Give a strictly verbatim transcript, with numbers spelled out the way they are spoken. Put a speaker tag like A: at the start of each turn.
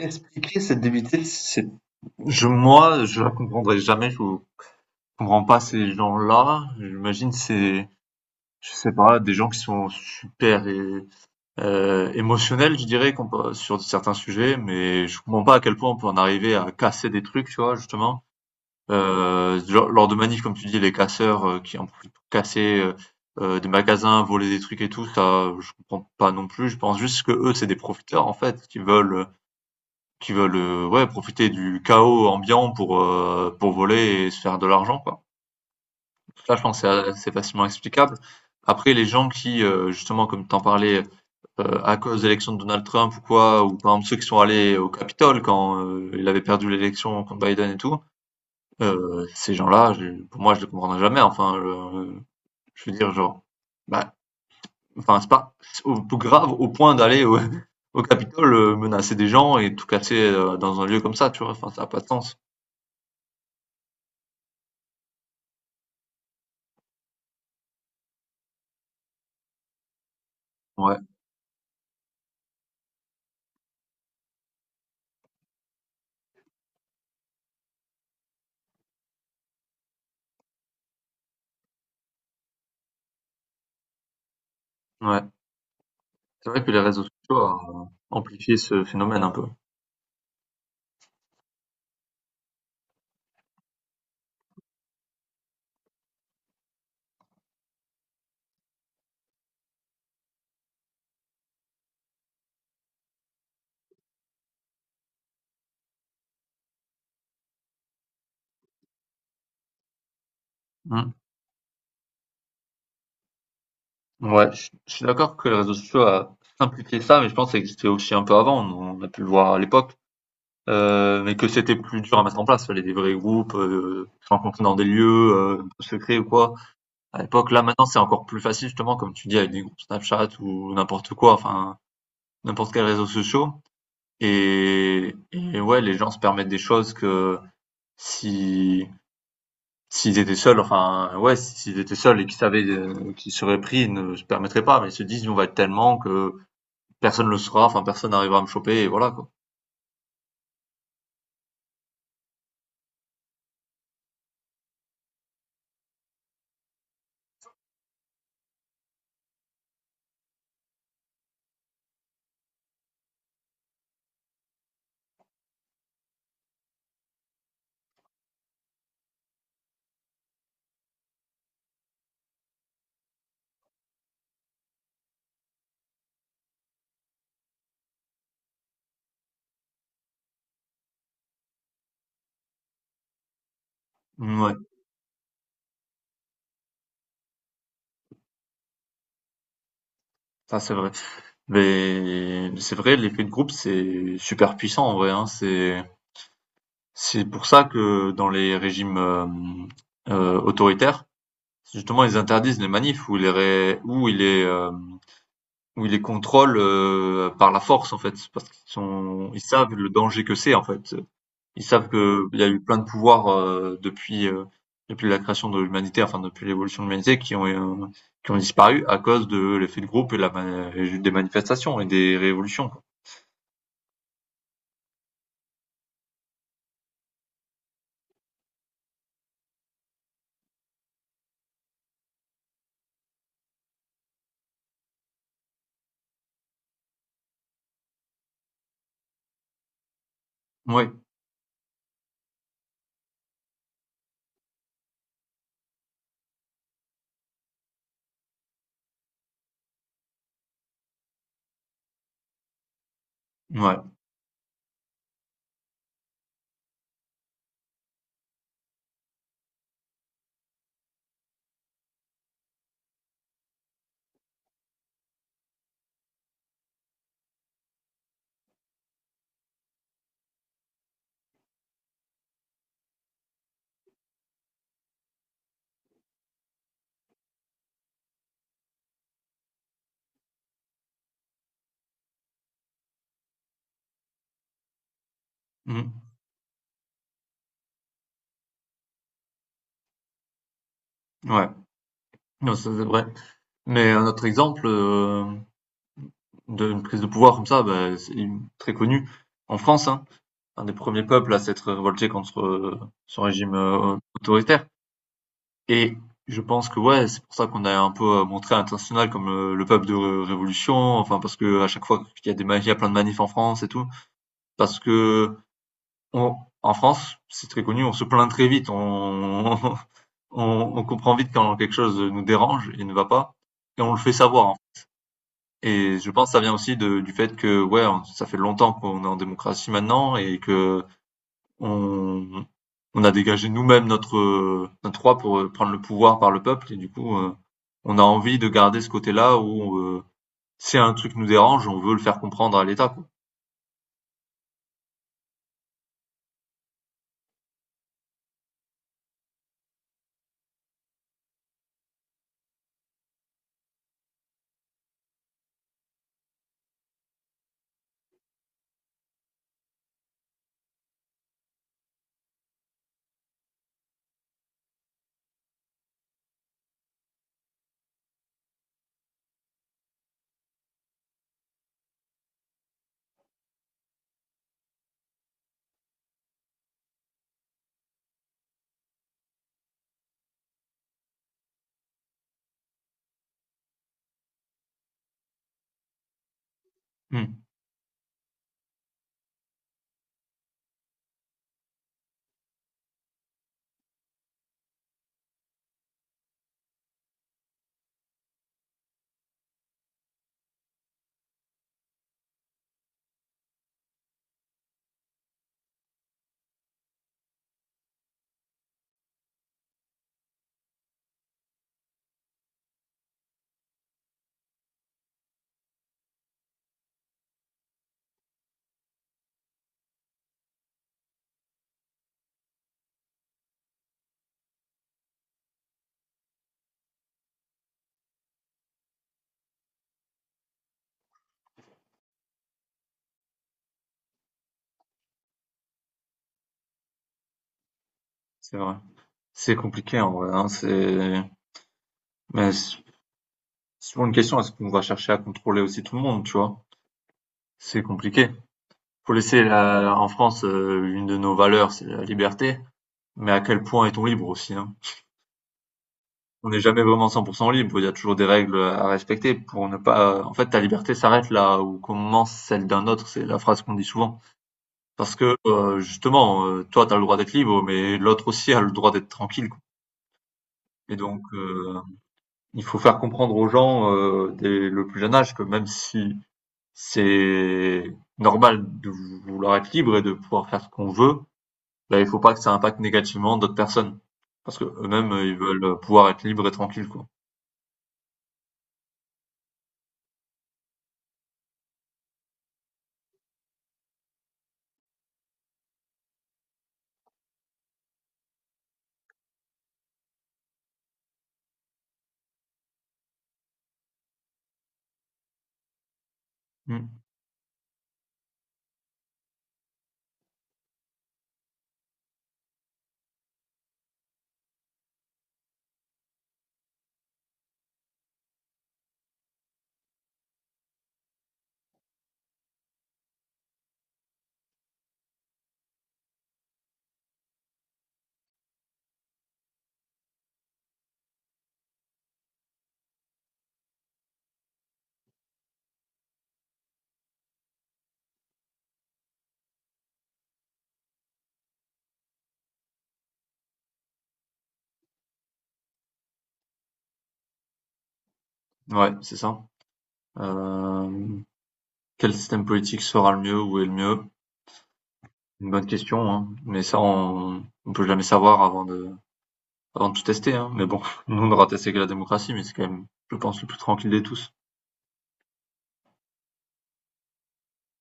A: Expliquer cette débilité, c'est je moi, je la comprendrai jamais, je comprends pas ces gens-là. J'imagine c'est je sais pas, des gens qui sont super é- euh, émotionnels, je dirais, qu'on peut- sur certains sujets, mais je comprends pas à quel point on peut en arriver à casser des trucs, tu vois, justement. Euh, genre- lors de manifs, comme tu dis, les casseurs euh, qui en profitent pour casser euh, euh, des magasins, voler des trucs et tout, ça, je comprends pas non plus. Je pense juste que eux, c'est des profiteurs, en fait, qui veulent qui veulent, heu, ouais, profiter du chaos ambiant pour, heu, pour voler et se faire de l'argent, quoi. Ça, je pense, c'est a c'est assez facilement explicable. Après, les gens qui, heu, justement, comme tu en parlais, heu, à cause de l'élection de Donald Trump ou quoi, ou par exemple ceux qui sont allés au Capitole quand, heu, il avait perdu l'élection contre Biden et tout, heu, ces gens-là, je pour moi, je les comprendrai jamais. Enfin, heu, je veux dire, genre, bah, enfin, c'est pas c'est au grave au point d'aller au au Capitole, heu, menacer des gens et tout casser, heu, dans un lieu comme ça, tu vois? Enfin, ça a pas de sens. Ouais. Ouais, c'est vrai que les réseaux sociaux ont amplifié ce phénomène un peu. Mmh. Ouais, je je suis d'accord que les réseaux sociaux a simplifié ça, mais je pense que ça existait aussi un peu avant, on on a pu le voir à l'époque, heu, mais que c'était plus dur à mettre en place. Fallait des vrais groupes, heu, se rencontrer dans des lieux, heu, un peu secrets ou quoi. À l'époque, là, maintenant, c'est encore plus facile justement, comme tu dis, avec des groupes Snapchat ou n'importe quoi, enfin, n'importe quel réseau social. et et ouais, les gens se permettent des choses que si S'ils étaient seuls, enfin, ouais, s'ils étaient seuls et qu'ils savaient, heu, qu'ils seraient pris, ils ne se permettraient pas, mais ils se disent: on va être tellement que personne le saura, enfin, personne n'arrivera à me choper» et voilà, quoi. Ouais, ça, c'est vrai. Mais c'est vrai, l'effet de groupe, c'est super puissant, en vrai, hein. C'est c'est pour ça que dans les régimes, hem, heu, autoritaires, justement, ils interdisent les manifs ou les ré où ils les, hem, ou ils les contrôlent, heu, par la force, en fait. Parce qu'ils sont ils savent le danger que c'est, en fait. Ils savent que il y a eu plein de pouvoirs, heu, depuis, heu, depuis la création de l'humanité, enfin depuis l'évolution de l'humanité qui ont, heu, qui ont disparu à cause de l'effet de groupe et la ma et des manifestations et des révolutions, quoi. Ouais, ouais, mmh, ouais. Non, ça, c'est vrai. Mais un autre exemple, heu, d'une prise de pouvoir comme ça, bah, c'est une très connu en France, hein, un des premiers peuples à s'être révolté contre, heu, ce régime, heu, autoritaire. Et je pense que ouais, c'est pour ça qu'on a un peu euh, montré à l'international comme le, le peuple de Ré- Révolution, enfin parce que à chaque fois qu'il y a des ma- il y a plein de manifs en France et tout, parce que on, en France, c'est très connu, on se plaint très vite, on, on, on comprend vite quand quelque chose nous dérange et ne va pas, et on le fait savoir. En fait. Et je pense que ça vient aussi de, du fait que ouais, on- ça fait longtemps qu'on est en démocratie maintenant et que on, on a dégagé nous-mêmes notre, euh, notre roi pour euh, prendre le pouvoir par le peuple, et du coup, euh, on a envie de garder ce côté-là où euh, si un truc nous dérange, on veut le faire comprendre à l'État, quoi. Hmm, c'est vrai. C'est compliqué en vrai, hein, c'est mais c'est souvent une question, est-ce qu'on va chercher à contrôler aussi tout le monde, tu vois? C'est compliqué. Faut laisser la- en France euh, une de nos valeurs, c'est la liberté, mais à quel point est-on libre aussi, hein? On n'est jamais vraiment cent pour cent libre, il y a toujours des règles à respecter pour ne pas en fait, ta liberté s'arrête là où commence celle d'un autre, c'est la phrase qu'on dit souvent. Parce que, heu, justement, heu, toi, t'as le droit d'être libre, mais l'autre aussi a le droit d'être tranquille, quoi et donc heu, il faut faire comprendre aux gens, heu, dès le plus jeune âge que même si c'est normal de vou vouloir être libre et de pouvoir faire ce qu'on veut, bah, il faut pas que ça impacte négativement d'autres personnes. Parce que eux mêmes ils veulent pouvoir être libres et tranquilles, quoi. Mmh. Ouais, c'est ça. Hem, quel système politique sera le mieux? Où est le mieux? Une bonne question, hein, mais ça on on peut jamais savoir avant de avant de tout tester, hein, mais bon, nous on aura testé que la démocratie, mais c'est quand même, je pense, le plus tranquille de tous.